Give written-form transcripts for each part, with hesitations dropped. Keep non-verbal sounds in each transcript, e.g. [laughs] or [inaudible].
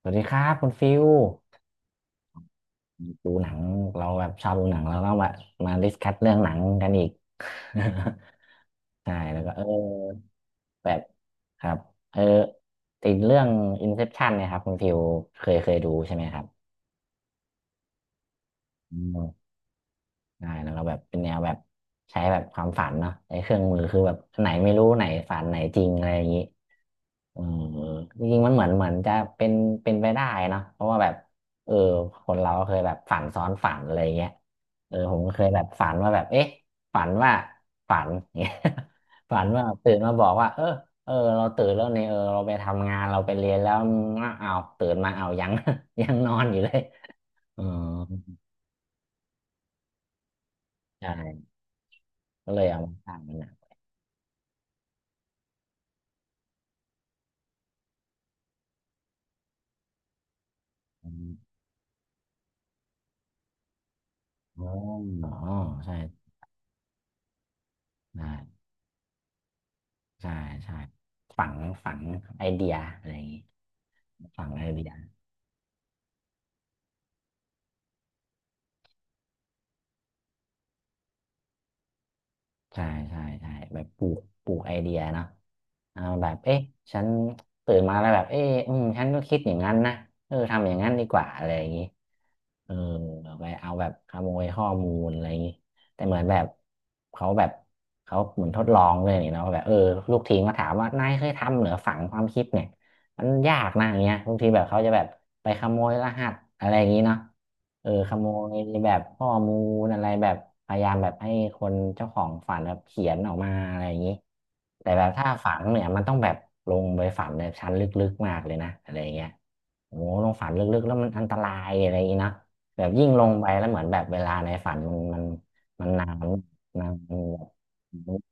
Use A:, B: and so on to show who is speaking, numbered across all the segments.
A: สวัสดีครับคุณฟิวดูหนังเราแบบชอบดูหนังแล้วก็แบบมาดิสคัสเรื่องหนังกันอีก [laughs] ใช่แล้วก็เออแบบครับเออติดเรื่อง Inception เนะครับคุณฟิวเคยดูใช่ไหมครับอืมใช่แล้วก็แบบเป็นแนวแบบใช้แบบความฝันเนาะไอ้เครื่องมือคือแบบอันไหนไม่รู้ไหนฝันไหนจริงอะไรอย่างนี้ เออจริงๆมันเหมือนจะเป็นไปได้เนอะเพราะว่าแบบเออคนเราก็เคยแบบฝันซ้อนฝันอะไรเงี้ยเออผมก็เคยแบบฝันว่าแบบเอ๊ะฝันว่าฝัน [laughs] เงี้ย [laughs] ฝันว่าตื่นมาบอกว่าเออเออเราตื่นแล้วเนี่ยเออเราไปทำงานเราไปเรียนแล้วอ้าวอ้าวตื่นมาเอายัง [laughs] ยังนอนอยู่เลยอ๋อใช่ก็เลยเอามาสร้างเป็นหนังอมอ๋ออ๋อใช่ใช่ใช่ใช่ฝังฝังไอเดียอะไรอย่างงี้ฝังไอเดีย ใช่ใช่ใช่แบบปลูกไอเดียเนาะอ่าแบบเอ๊ะฉันตื่นมาแล้วแบบเอ๊ะอืมฉันก็คิดอย่างนั้นนะเออทำอย่างนั้นดีกว่าอะไรอย่างนี้เออไปเอาแบบขโมยข้อมูลอะไรอย่างนี้แต่เหมือนแบบเขาแบบเขาเหมือนทดลองเลยนี่เนาะแบบเออลูกทีมก็ถามว่านายเคยทำเหรือฝังความคิดเนี่ยมันยากนะอย่างเงี้ยบางทีแบบเขาจะแบบไปขโมยรหัสอะไรอย่างนี้เนาะ เออขโมยแบบข้อมูลอะไรแบบพยายามแบบให้คนเจ้าของฝันแบบเขียนออกมาอะไรอย่างนี้แต่แบบถ้าฝันเนี่ยมันต้องแบบลงไปฝันในชั้นลึกๆมากเลยนะอะไรอย่างเงี้ยโอ้โหลงฝันลึกๆแล้วมันอันตรายอะไรอย่างงี้เนอะแบบยิ่งลงไปแล้วเหมือนแบบเวลาในฝันมันมันนาน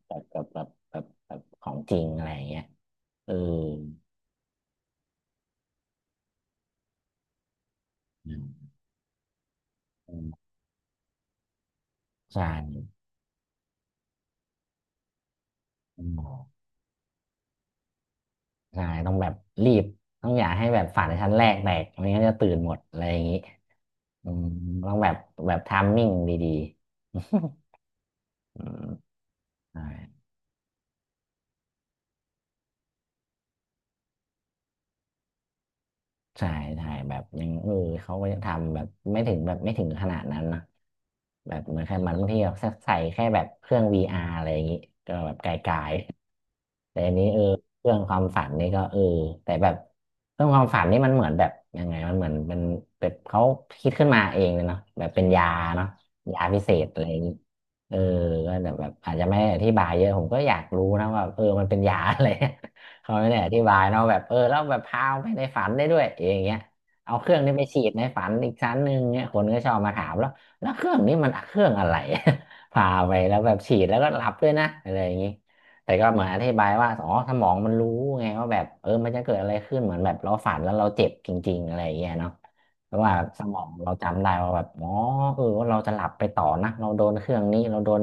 A: แบบแบบแบบแบบแบบแบบของจริงอะไรอย่างเงี้ยเอออืมใช่ ใช่ต้องแบบรีบ ต้องอย่าให้แบบฝันชั้นแรกแตกไม่งั้นจะตื่นหมดอะไรอย่างนี้อืมต้องแบบแบบทามมิ่งดีๆ [laughs] อืมใช่ ใช่ใช่แบบยังเออเขาก็ยังทำแบบไม่ถึงแบบไม่ถึงขนาดนั้นนะแบบเหมือนแค่มันบางทีแบบใส่แค่แบบเครื่อง VR อาร์อะไรอย่างงี้ก็แบบไกลๆแต่อันนี้เออเครื่องความฝันนี่ก็เออแต่แบบเครื่องความฝันนี่มันเหมือนแบบยังไงมันเหมือนเป็นแบบเขาคิดขึ้นมาเองเลยเนาะแบบเป็นยาเนาะยาพิเศษอะไรอย่างงี้เออก็แต่แบบอาจจะไม่ได้อธิบายเยอะผมก็อยากรู้นะว่าเออมันเป็นยาอะไร เขาไม่ได้อธิบายเนาะแบบเออแล้วแบบพาไปในฝันได้ด้วยอย่างเงี้ยเอาเครื่องนี้ไปฉีดในฝันอีกชั้นหนึ่งเนี่ยคนก็ชอบมาถามแล้วแล้วเครื่องนี้มันเครื่องอะไร [laughs] พาไปแล้วแบบฉีดแล้วก็หลับด้วยนะอะไรอย่างงี้แต่ก็เหมือนอธิบายว่าอ๋อสมองมันรู้ไงว่าแบบเออมันจะเกิดอะไรขึ้นเหมือนแบบเราฝันแล้วเราเจ็บจริงๆอะไรอย่างเงี้ยเนาะเพราะว่าสมองเราจำได้ว่าแบบอ๋อเออว่าเราจะหลับไปต่อนะเราโดนเครื่องนี้เราโดน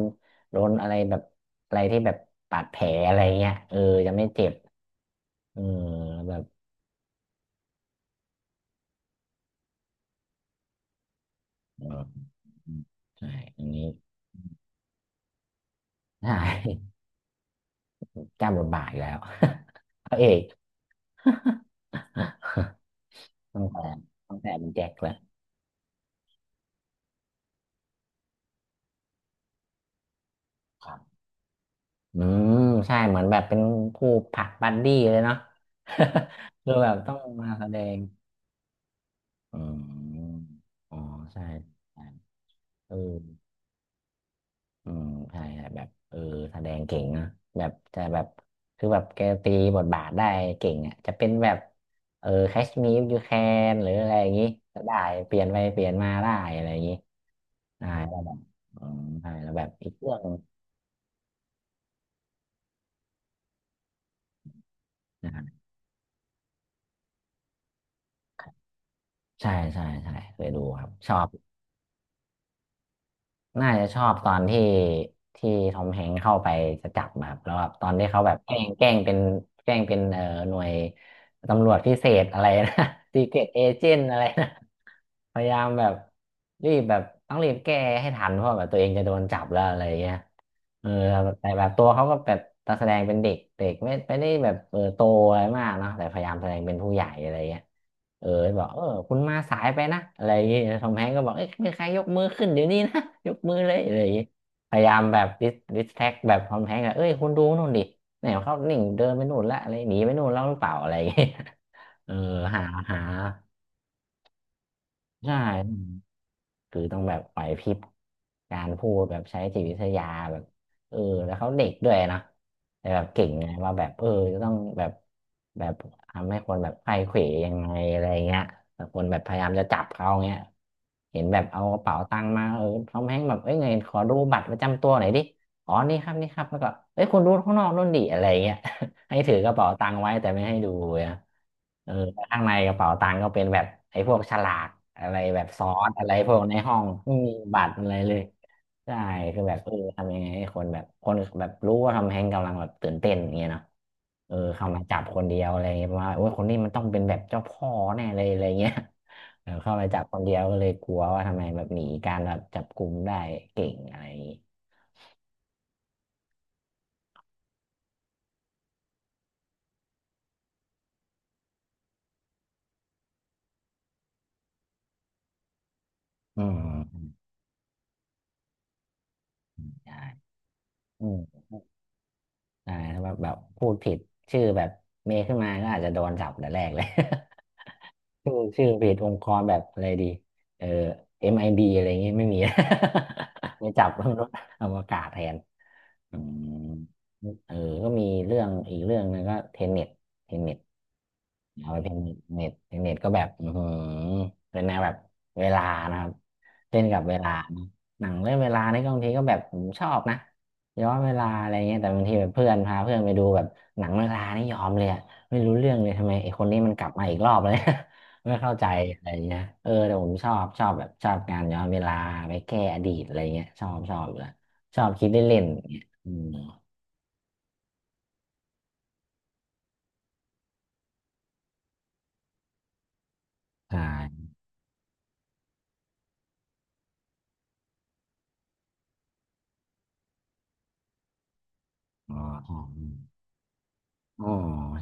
A: โดนอะไรแบบอะไรที่แบบบาดแผลอะไรเงี้ยเออจะไม่เจ็บ เออแบบเออใช่อันนี้ใช่ [laughs] กล้าบทบาทอีกแล้ว [laughs] พระเอกตั้งแต่ตั้งแต่เป็นแจ็คแล้วครับอืมใช่เหมือนแบบเป็นคู่ผลักบัดดี้เลยเนาะ [laughs] คือแบบต้องมาแสดงอืมอ๋อใช่ใช่เออ อืมใช่ใช่ แบบเออแสดงเก่งนะแบบจะแบบคือแบบแกตีบทบาทได้เก่งอ่ะจะเป็นแบบเออแคชมีฟยูแคนหรืออะไรอย่างงี้ก็ได้ เปลี่ยนไปเปลี่ยนมาได้อะไรอย่างงี้ได้แล้วแบบอืมใช่แล้วแบบอีกเรื่องหนึ่งนะครับใช่ใช่ใช่เคยดูครับ ชอบ น่าจะชอบตอนที่ทอมแฮงค์เข้าไปจะจับแบบแล้วแบบตอนที่เขาแบบแกล้งเป็นแกล้งเป็นเออหน่วยตำรวจพิเศษอะไรนะ [laughs] ซีเกตเอเจนต์อะไรนะ พยายามแบบรีบแบบต้องรีบแก้ให้ทันเพราะแบบตัวเองจะโดนจับแล้วอะไรอย่างเงี้ยเออแต่แบบตัวเขาก็แบบแตแสดงเป็นเด็กเด็กไม่ไม่ได้แบบเออโตอะไรมากเนาะแต่พยายามแสดงเป็นผู้ใหญ่อะไรเงี้ยเออบอกเออคุณมาสายไปนะอะไรอย่างเงี้ยทอมแฮงก์ก็บอกเอ้ยมีใครยกมือขึ้นเดี๋ยวนี้นะ [laughs] ยกมือเลยอะไรอย่างเงี้ยพยายามแบบดิสแท็กแบบทอมแฮงก์อะเอ้ยคุณดูนู่นดิเนี่ยเขาหนิ่งเดินไปนู่นละอะไรหนีไปนู่นแล้วหรือเปล่าอะไรอย่างเงี้ย [laughs] เออหาหาใช่ คือต้องแบบไหวพริบการพูดแบบใช้จิตวิทยาแบบเออแล้วเขาเด็กด้วยนะแต่แบบเก่งไงว่าแบบจะต้องแบบทำให้คนแบบไขว้เขวยังไงอะไรเงี้ยแต่คนแบบพยายามจะจับเขาเงี้ยเห็นแบบเอากระเป๋าตังค์มาทอมแฮงค์แบบเอ้ยไงขอดูบัตรประจำตัวหน่อยดิอ๋อนี่ครับนี่ครับแล้วก็เอ้ยคุณดูข้างนอกนู่นดิอะไรเงี้ย ให้ถือกระเป๋าตังค์ไว้แต่ไม่ให้ดูนะเออข้างในกระเป๋าตังค์ก็เป็นแบบไอ้พวกฉลากอะไรแบบซอสอะไรพวกในห้องไม่มีบัตรอะไรเลยใช่คือแบบทำยังไงให้คนแบบรู้ว่าทำแฮงกำลังแบบตื่นเต้นอย่างเงี้ยเนาะเข้ามาจับคนเดียวอะไรเงี้ยเพราะว่าโอ้ยคนนี้มันต้องเป็นแบบเจ้าพ่อแน่เลยอะไรเงี้ยเข้ามาจับคนเดียวก็เลยกลัวว่าทำไมแบบหนีการแบบจับกลุ่มได้เก่งอะไรอย่างงี้อืมใช่ ใช่ถ้าแบบพูดผิดชื่อแบบเมย์ขึ้นมาก็อาจจะโดนจับแต่แรกเลย ชื่อเพจองค์กรแบบอะไรดีเออ MIB อมไอบีอะไรเงี้ยไม่มี [laughs] ไม่จับรถอวกาศแทนอืมเออก็มีเรื่องอีกเรื่องหนึงก็เทนเน็ตเอาไปเทนเน็ตก็แบบอือหือเป็นแนวแบบเวลานะครับเล่นกับเวลานะหนังเรื่องเวลานี่ก็บางทีก็แบบผมชอบนะย้อนเวลาอะไรเงี้ยแต่บางทีแบบเพื่อนพาเพื่อนไปดูแบบหนังเวลานี่ยอมเลยอะไม่รู้เรื่องเลยทำไมไอ้คนนี้มันกลับมาอีกรอบเลย ไม่เข้าใจอะไรเงี้ยแต่ผมชอบการย้อนเวลาไปแก้อดีตอะไรเงี้ยชอบอยู่แล้วชอบคิดเล่นๆเงี้ยอืมใช่อ๋ออ๋ออ๋อ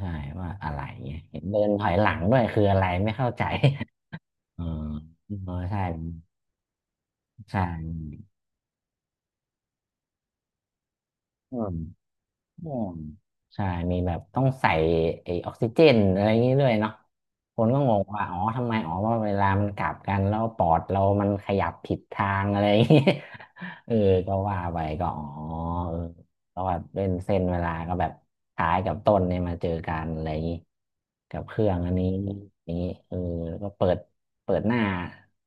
A: ใช่ว่าอะไรเงี้ยเห็นเดินถอยหลังด้วยคืออะไรไม่เข้าใจ [laughs] เออเออใช่ใช่อืม อืมใช่มีแบบต้องใส่ไอออกซิเจนอะไรอย่างนี้ด้วยเนาะคนก็งงว่าอ๋อทำไมอ๋อว่าเวลามันกลับกันแล้วปอดเรามันขยับผิดทางอะไรอย่างนี้ [laughs] เออก็ว่าไปก็อ๋อเออก็แบบเล่นเส้นเวลาก็แบบท้ายกับต้นเนี่ยมาเจอกันอะไรอย่างนี้กับเครื่องอันนี้อย่างนี้ก็เปิดหน้า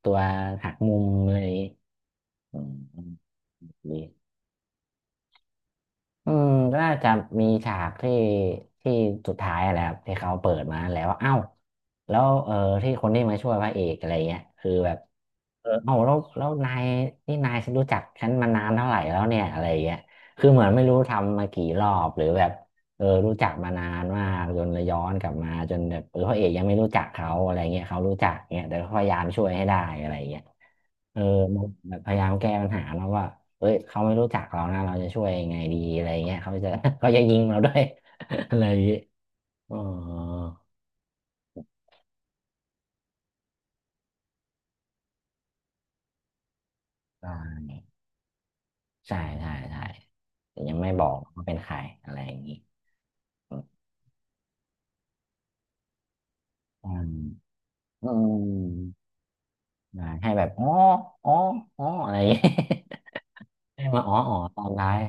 A: ตัวหักมุมอะไรอย่างนี้อืมดี อืมก็น่าจะมีฉากที่สุดท้ายอะไรครับที่เขาเปิดมาแล้วว่าเอ้าแล้วที่คนที่มาช่วยพระเอกอะไรเงี้ยคือแบบเอ้าแล้วนายนี่นายฉันรู้จักฉันมานานเท่าไหร่แล้วเนี่ยอะไรเงี้ยคือเหมือนไม่รู้ทำมากี่รอบหรือแบบ รู้จักมานานมากจนเลยย้อนกลับมาจนแบบพระเอกยังไม่รู้จักเขาอะไรเงี้ยเขารู้จักเงี้ยแต่ก็พยายามช่วยให้ได้อะไรเงี้ยเออมันแบบพยายามแก้ปัญหาเนอะว่าเอ้ยเขาไม่รู้จักเรานะเราจะช่วยยังไงดีอะไรเงี้ยเขาจะ [laughs] เขาจะยิงเราด้วย [laughs] อะไรอย่างเงี้ยอ๋อได้ใช่ใช่ใช่แต่ยังไม่บอกว่าเป็นใครอะไรอย่างงี้อืมอืมได้ให้แบบอ๋ออ๋ออ๋ออะไรอย่างงี้ [laughs] ให้มาอ๋ออ๋อตอนท้าย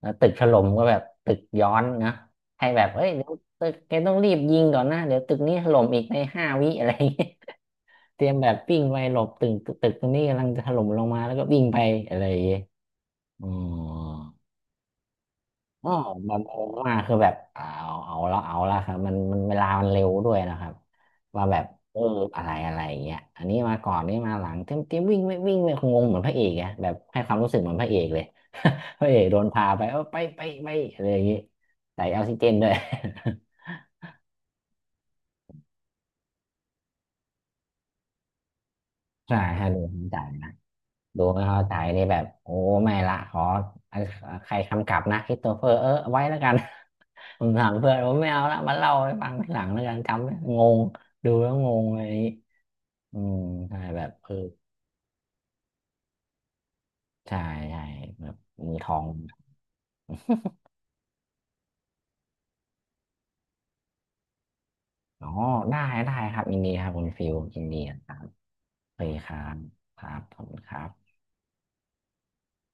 A: แล้วตึกถล่มก็แบบตึกย้อนนะให้แบบเอ้ยเดี๋ยวตึกแกต้องรีบยิงก่อนนะ เดี๋ยวตึกนี้ถล่มอีกในห้าวิอะไรอย่างเงี้ยเตรียมแบบวิ่งไปหลบตึกตึกตรงนี้กำลังจะถล่มลงมาแล้วก็วิ่งไปอะไรอย่างเงี้ยอ๋อ อ๋อแบบโอมาคือแบบเอาละครับมันเวลามันเร็วด้วยนะครับว่าแบบเอออะไรอะไรอย่างเงี้ยอันนี้มาก่อนนี่มาหลังเต็มวิ่งไม่คงงเหมือนพระเอกอะแบบให้ความรู้สึกเหมือนพระเอกเลย [laughs] พระเอกโดนพาไปไปอะไรอย่างงี้ใส่ออกซิเจนด้วย [laughs] ใช่ให้ดูใจาย ดูไม่เข้าใจนี่แบบโอ้ไม่ละขออันใครคำกลับนะคริสโตเฟอร์ไว้แล้วกัน [laughs] ผมถามเพื่อนผมไม่เอาละมาเล่าให้ฟังทีหลังแล้วกันจำไม่งงดูแล้วงงอะไรนี้อืมใช่แบบใช่ใช่แบบมือทองอ๋อได้ได้ครับยินดีครับคุณฟิลยินดีครับโอเคครับครับขอบคุณครับ